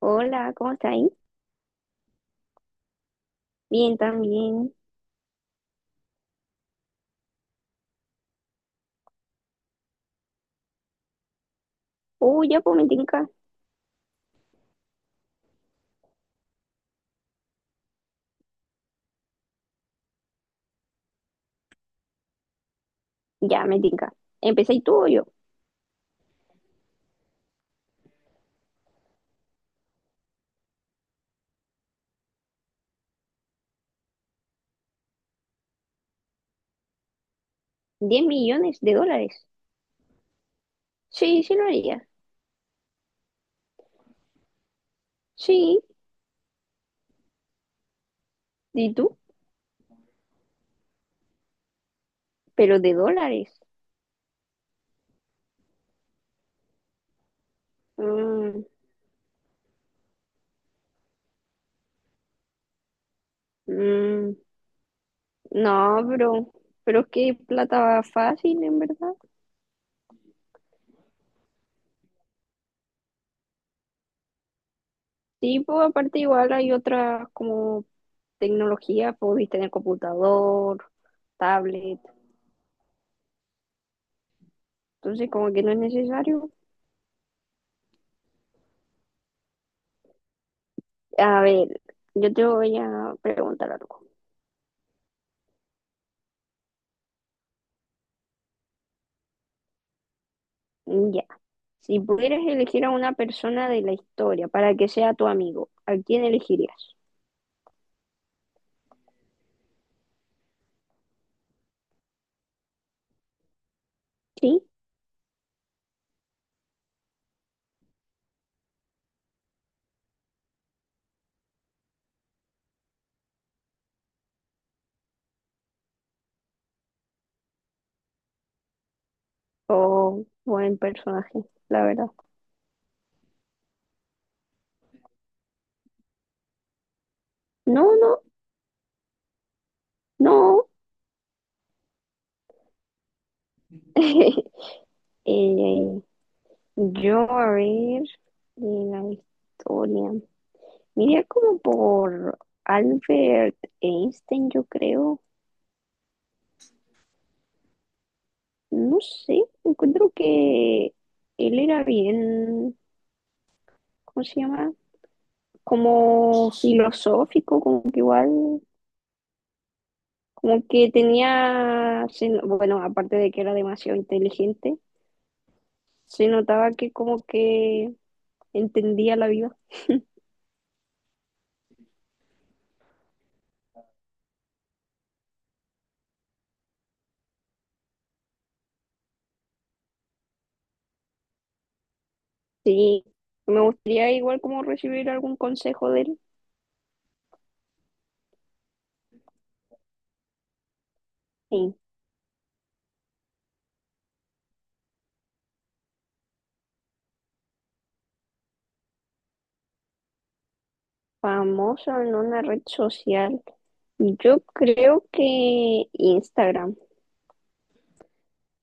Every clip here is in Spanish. Hola, ¿cómo estás ahí? Bien, también. Uy, ya pues me tinca. Ya me tinca. ¿Empecé tú o yo? 10 millones de dólares. Sí, sí lo haría. Sí, ¿y tú? Pero de dólares. Mm, mm, no, pero es que plata va fácil, en verdad. Sí, pues aparte igual hay otras como tecnología, podéis tener computador, tablet. Entonces como que no es necesario. A ver, yo te voy a preguntar algo. Ya. Si pudieras elegir a una persona de la historia para que sea tu amigo, ¿a quién elegirías? ¿Sí? ¿O buen personaje? La verdad. No, no, no. Eh, yo, a ver, de la historia. Mira como por Albert Einstein, yo creo. No sé, encuentro que él era bien, ¿cómo se llama? Como filosófico, como que igual como que tenía, se no- bueno, aparte de que era demasiado inteligente, se notaba que como que entendía la vida. Sí, me gustaría igual como recibir algún consejo de él. Sí, famoso en una red social. Yo creo que Instagram.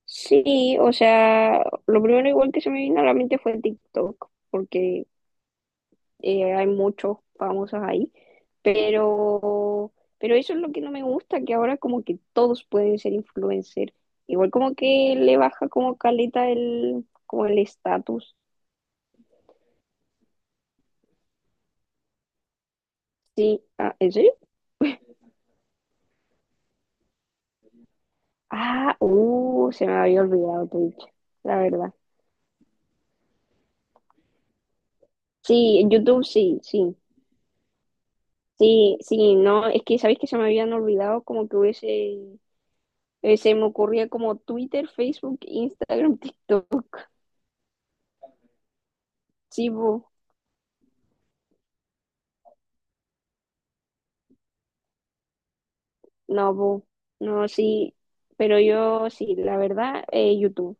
Sí, o sea, lo primero igual que se me vino a la mente fue TikTok, porque hay muchos famosos ahí, pero, pero eso es lo que no me gusta, que ahora como que todos pueden ser influencer, igual como que le baja como caleta el, como el estatus, sí, ah, ¿en serio? Ah, se me había olvidado Twitch, la verdad. Sí, en YouTube sí, sí, sí, sí, no, es que sabéis que se me habían olvidado como que hubiese, se me ocurría como Twitter, Facebook, Instagram, TikTok, sí, po. No, no, sí, pero yo sí, la verdad, YouTube,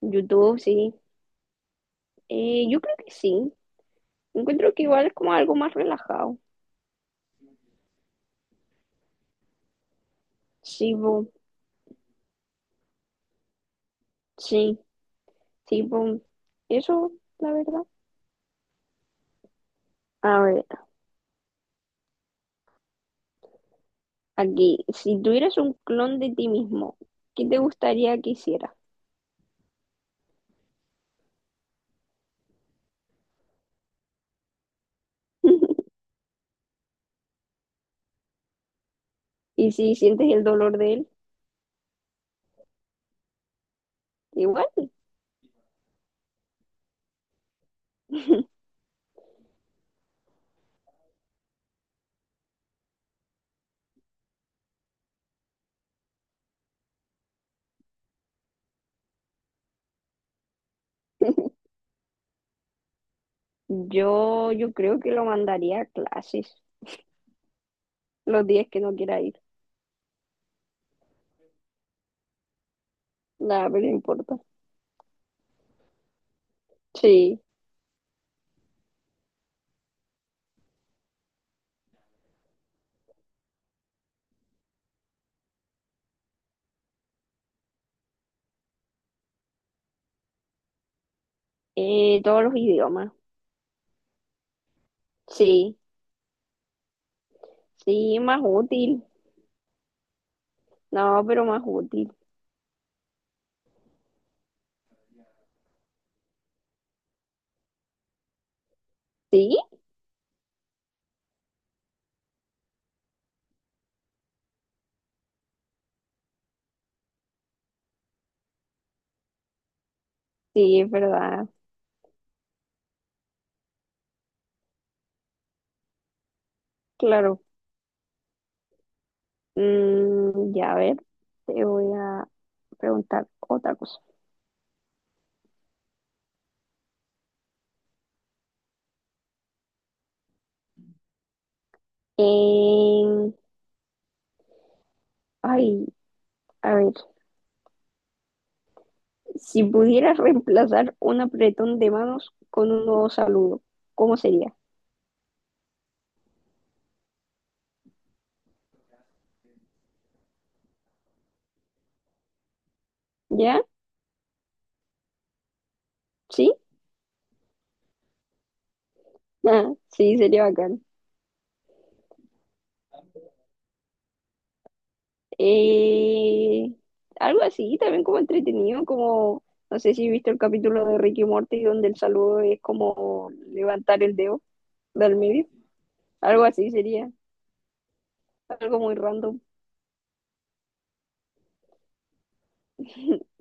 YouTube, sí, yo creo que sí, encuentro que igual es como algo más relajado, sí, sí, sí, eso, la verdad. A ver, aquí, si tuvieras un clon de ti mismo, ¿qué te gustaría que hiciera? Y si sientes el dolor de él, igual. Yo creo que lo mandaría a clases los días que no quiera ir. Nada, pero no importa. Sí. Todos los idiomas. Sí, sí, más útil. No, pero más útil. Sí, sí, es verdad. Claro. Ya a ver, te voy a preguntar otra cosa. Em, ay, a ver, si pudieras reemplazar un apretón de manos con un nuevo saludo, ¿cómo sería? ¿Ya? ¿Sí? Ah, sí, sería bacán. Eh, algo así, también como entretenido, como, no sé si viste el capítulo de Ricky Morty donde el saludo es como levantar el dedo del medio, algo así sería, algo muy random.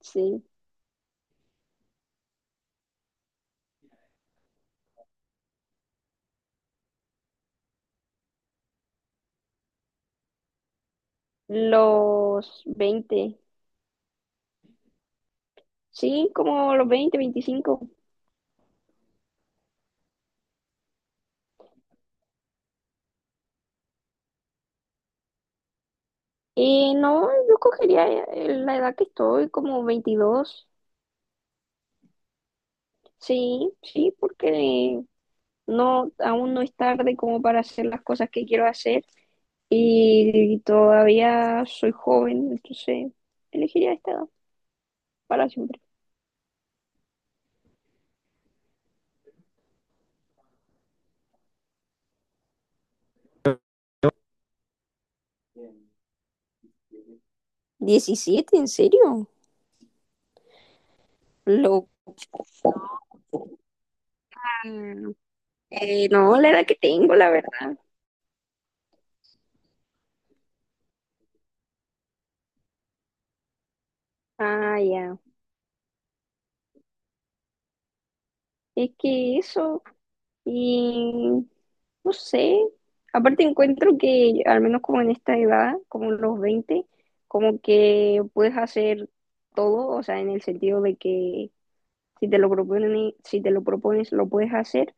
Sí. Los 20 sí, como los 20, 25. No, yo cogería la edad que estoy, como 22 sí, sí, porque no, aún no es tarde como para hacer las cosas que quiero hacer. Y todavía soy joven, entonces elegiría esta edad para siempre. 17. ¿En serio? Lo... no, la edad que tengo, la verdad. Ah, ya. Es que eso, y no sé, aparte encuentro que al menos como en esta edad, como en los 20 como que puedes hacer todo, o sea, en el sentido de que si te lo proponen, si te lo propones, lo puedes hacer.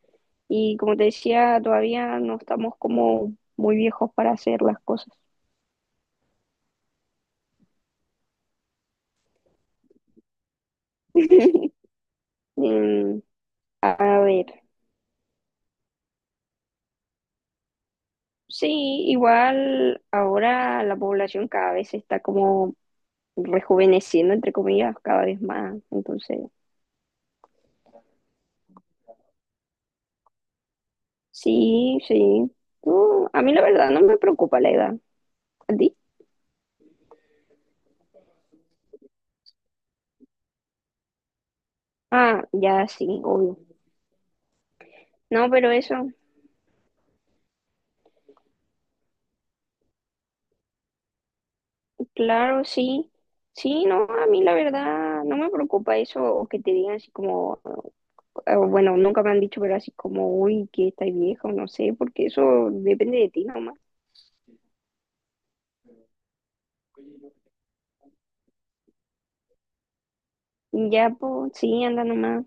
Y como te decía, todavía no estamos como muy viejos para hacer las cosas. Mm, a ver, sí, igual ahora la población cada vez se está como rejuveneciendo, entre comillas, cada vez más. Entonces, sí, sí. No, a mí la verdad no me preocupa la edad. ¿A ti? Ah, ya sí, obvio. No, pero eso, claro, sí. Sí, no, a mí la verdad no me preocupa eso o que te digan así como, bueno, nunca me han dicho, pero así como, uy, que estás vieja o no sé, porque eso depende de ti nomás. Ya, pues, sí, anda nomás.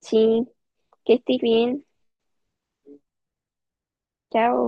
Sí, que estés bien. Chao.